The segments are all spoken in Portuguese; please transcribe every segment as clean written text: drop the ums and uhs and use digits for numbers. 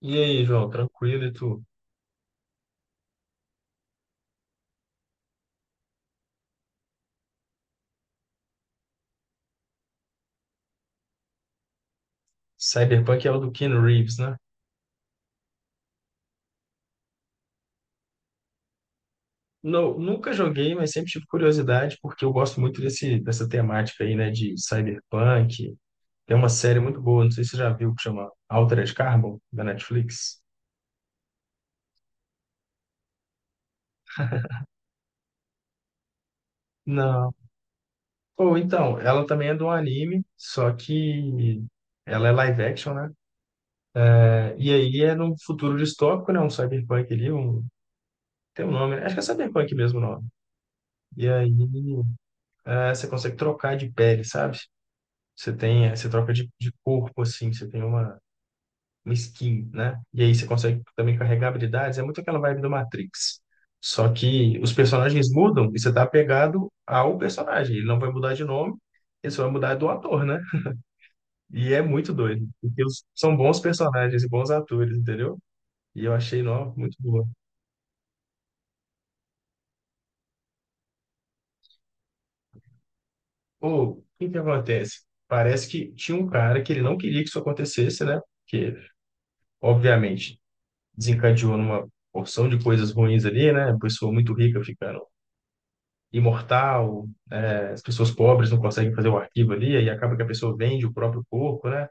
E aí, João, tranquilo e tu? Cyberpunk é o do Keanu Reeves, né? Não, nunca joguei, mas sempre tive curiosidade, porque eu gosto muito dessa temática aí, né, de cyberpunk. Tem uma série muito boa, não sei se você já viu, que chama Altered Carbon, da Netflix. Não. Ou então, ela também é de um anime, só que ela é live action, né? É, e aí é num futuro distópico, né? Um cyberpunk ali, tem um nome, né? Acho que é cyberpunk mesmo o nome. E aí é, você consegue trocar de pele, sabe? Você tem, você troca de corpo, assim, você tem uma skin, né? E aí você consegue também carregar habilidades. É muito aquela vibe do Matrix. Só que os personagens mudam e você tá apegado ao personagem. Ele não vai mudar de nome, ele só vai mudar do ator, né? E é muito doido, porque são bons personagens e bons atores, entendeu? E eu achei, não, muito boa. Ou, o que que acontece? Parece que tinha um cara que ele não queria que isso acontecesse, né? Porque, obviamente, desencadeou numa porção de coisas ruins ali, né? A pessoa muito rica ficando imortal, é, as pessoas pobres não conseguem fazer o arquivo ali, aí acaba que a pessoa vende o próprio corpo, né?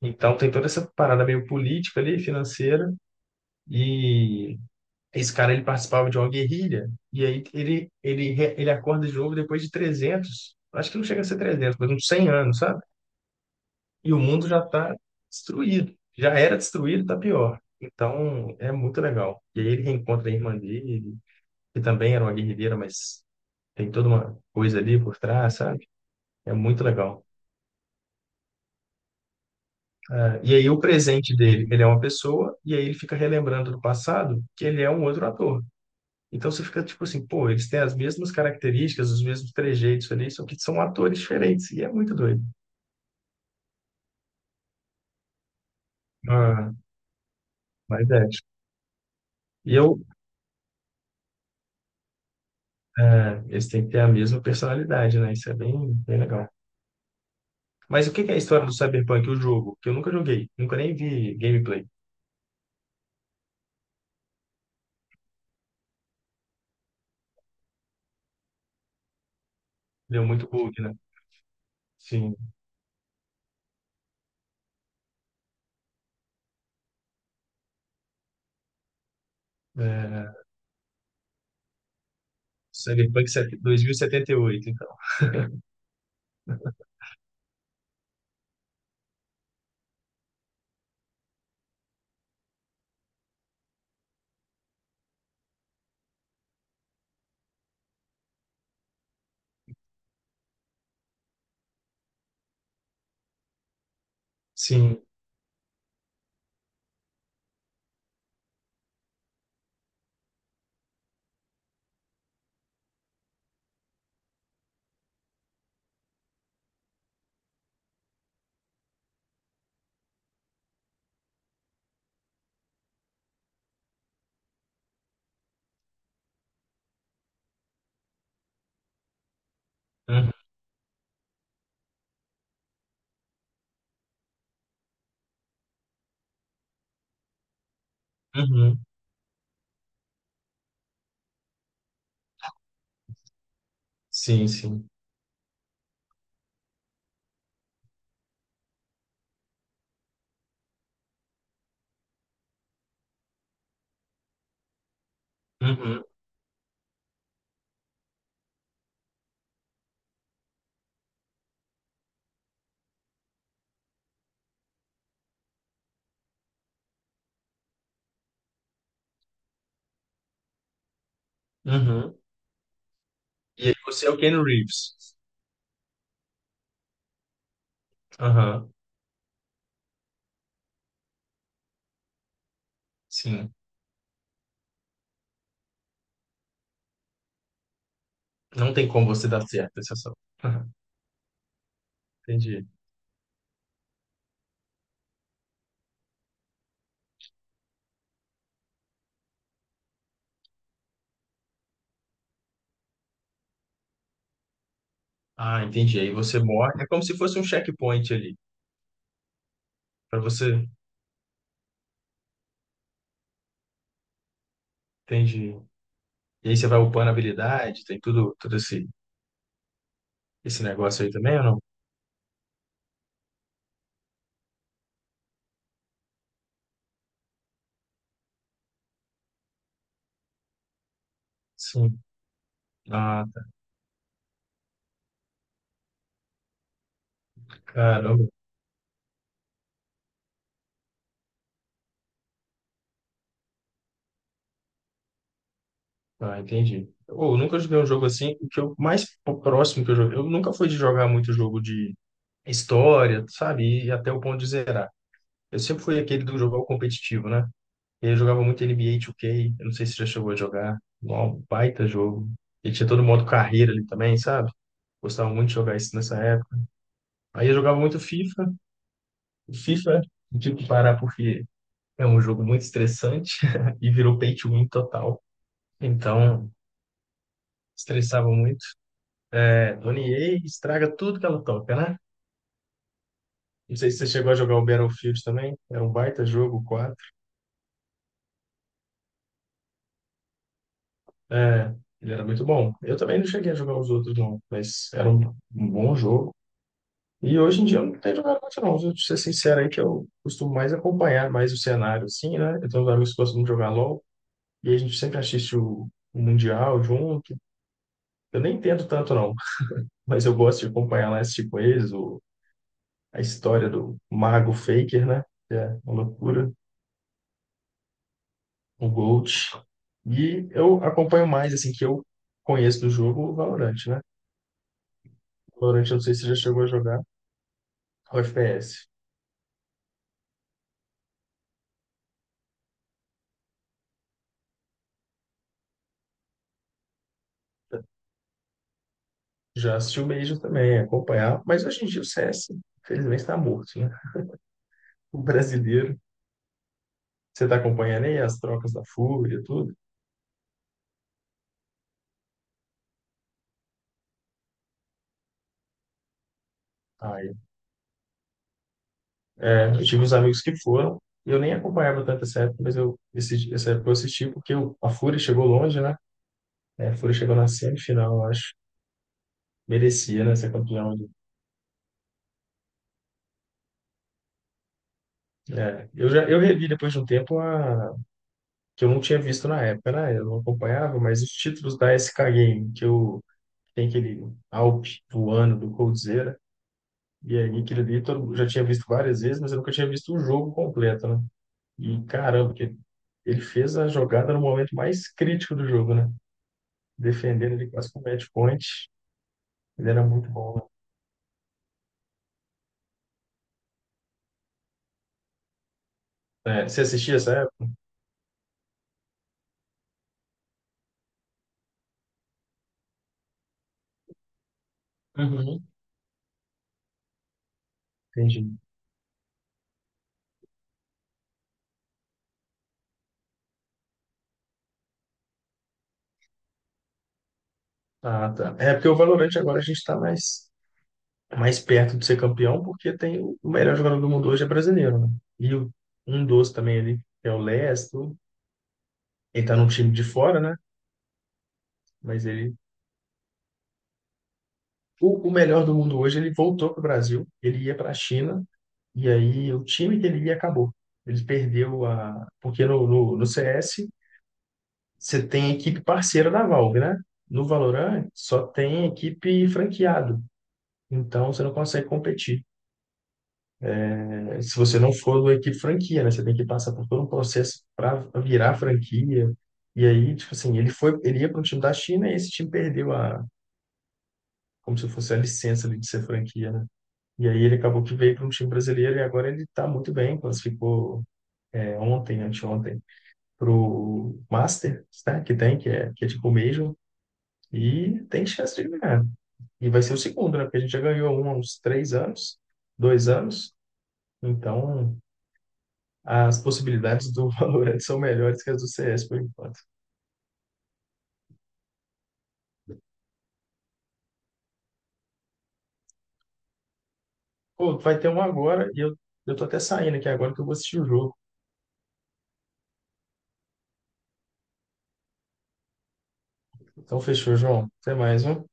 Então tem toda essa parada meio política ali, financeira, e esse cara ele participava de uma guerrilha, e aí ele acorda de novo depois de 300, acho que não chega a ser 300, mas uns 100 anos, sabe? E o mundo já está destruído, já era destruído, tá pior. Então, é muito legal. E aí ele reencontra a irmã dele, que também era uma guerrilheira, mas tem toda uma coisa ali por trás, sabe? É muito legal. Ah, e aí o presente dele, ele é uma pessoa, e aí ele fica relembrando do passado que ele é um outro ator. Então você fica tipo assim, pô, eles têm as mesmas características, os mesmos trejeitos ali, só que são atores diferentes, e é muito doido. Ah, mas é, tipo, E eu, eles têm que ter a mesma personalidade, né? Isso é bem, bem legal. Mas o que que é a história do Cyberpunk, o jogo? Que eu nunca joguei, nunca nem vi gameplay. Deu muito bug, né? Sim. É, Cyberpunk 2078, então. Sim. Uhum. Uhum. Sim, sim. Uhum. Uhum. E aí você é o Keanu Reeves. Aham. Sim. Não tem como você dar certo essa ação. Aham. Entendi. Ah, entendi. Aí você morre. É como se fosse um checkpoint ali. Pra você. Entendi. E aí você vai upando habilidade, tem tudo, todo esse negócio aí também ou não? Sim. Ah, tá. Caramba. Ah, entendi. Ô, eu nunca joguei um jogo assim. O que eu mais próximo que eu joguei. Eu nunca fui de jogar muito jogo de história, sabe? E até o ponto de zerar. Eu sempre fui aquele do jogar o competitivo, né? E eu jogava muito NBA 2K, eu não sei se já chegou a jogar. Um baita jogo. E tinha todo modo carreira ali também, sabe? Gostava muito de jogar isso nessa época. Aí eu jogava muito FIFA. O FIFA, eu tive que parar porque é um jogo muito estressante e virou pay to win total. Então, estressava muito. É, Dona EA estraga tudo que ela toca, né? Não sei se você chegou a jogar o Battlefield também. Era um baita jogo. É, ele era muito bom. Eu também não cheguei a jogar os outros, não, mas era um bom jogo. E hoje em dia eu não tenho jogado muito, não. Se eu te ser sincero aí, que eu costumo mais acompanhar mais o cenário, assim, né? Eu tenho uns amigos que gostam de jogar LOL, e a gente sempre assiste o Mundial junto. Eu nem entendo tanto, não, mas eu gosto de acompanhar lá, assistir com eles, a história do Mago Faker, né? Que é uma loucura, o GOAT. E eu acompanho mais, assim, que eu conheço do jogo o Valorant, né? Valorant, eu não sei se você já chegou a jogar. O FPS. Já assisti o Major também, acompanhar, mas hoje em dia o CS, infelizmente, está morto, né? O brasileiro, você está acompanhando aí as trocas da Fúria e tudo? Aí, é, eu tive uns amigos que foram, e eu nem acompanhava tanto essa época, mas essa época eu assisti porque a Fúria chegou longe, né? É, a Fúria chegou na semifinal, eu acho. Merecia, né, ser campeão. É, eu já eu revi depois de um tempo que eu não tinha visto na época, né? Eu não acompanhava, mas os títulos da SK Game, que eu tem aquele Alpe voando do Coldzera, e aí aquilo ali todo, eu já tinha visto várias vezes, mas eu nunca tinha visto o jogo completo, né? E caramba, que ele fez a jogada no momento mais crítico do jogo, né? Defendendo ele quase com o match point, ele era muito bom, né? É, você assistia essa época? Uhum. Entendi. Ah, tá. É porque o Valorant agora a gente está mais perto de ser campeão, porque tem o melhor jogador do mundo hoje é brasileiro, né? E um dos também ali, que é o Lesto, ele tá num time de fora, né? Mas ele o melhor do mundo hoje, ele voltou para o Brasil, ele ia para a China, e aí o time que ele ia acabou. Ele perdeu a. Porque no CS, você tem equipe parceira da Valve, né? No Valorant, só tem equipe franqueado. Então, você não consegue competir. Se você não for da equipe franquia, né? Você tem que passar por todo um processo para virar franquia. E aí, tipo assim, ele ia para um time da China e esse time perdeu a, como se fosse a licença ali de ser franquia, né? E aí ele acabou que veio para um time brasileiro e agora ele está muito bem, classificou ontem, anteontem, para o Masters, né, que é tipo o Major, e tem chance de ganhar. E vai ser o segundo, né, porque a gente já ganhou um há uns 3 anos, 2 anos, então as possibilidades do Valorant são melhores que as do CS por enquanto. Pô, vai ter um agora e eu tô até saindo aqui agora que eu vou assistir o jogo. Então fechou, João. Até mais, viu?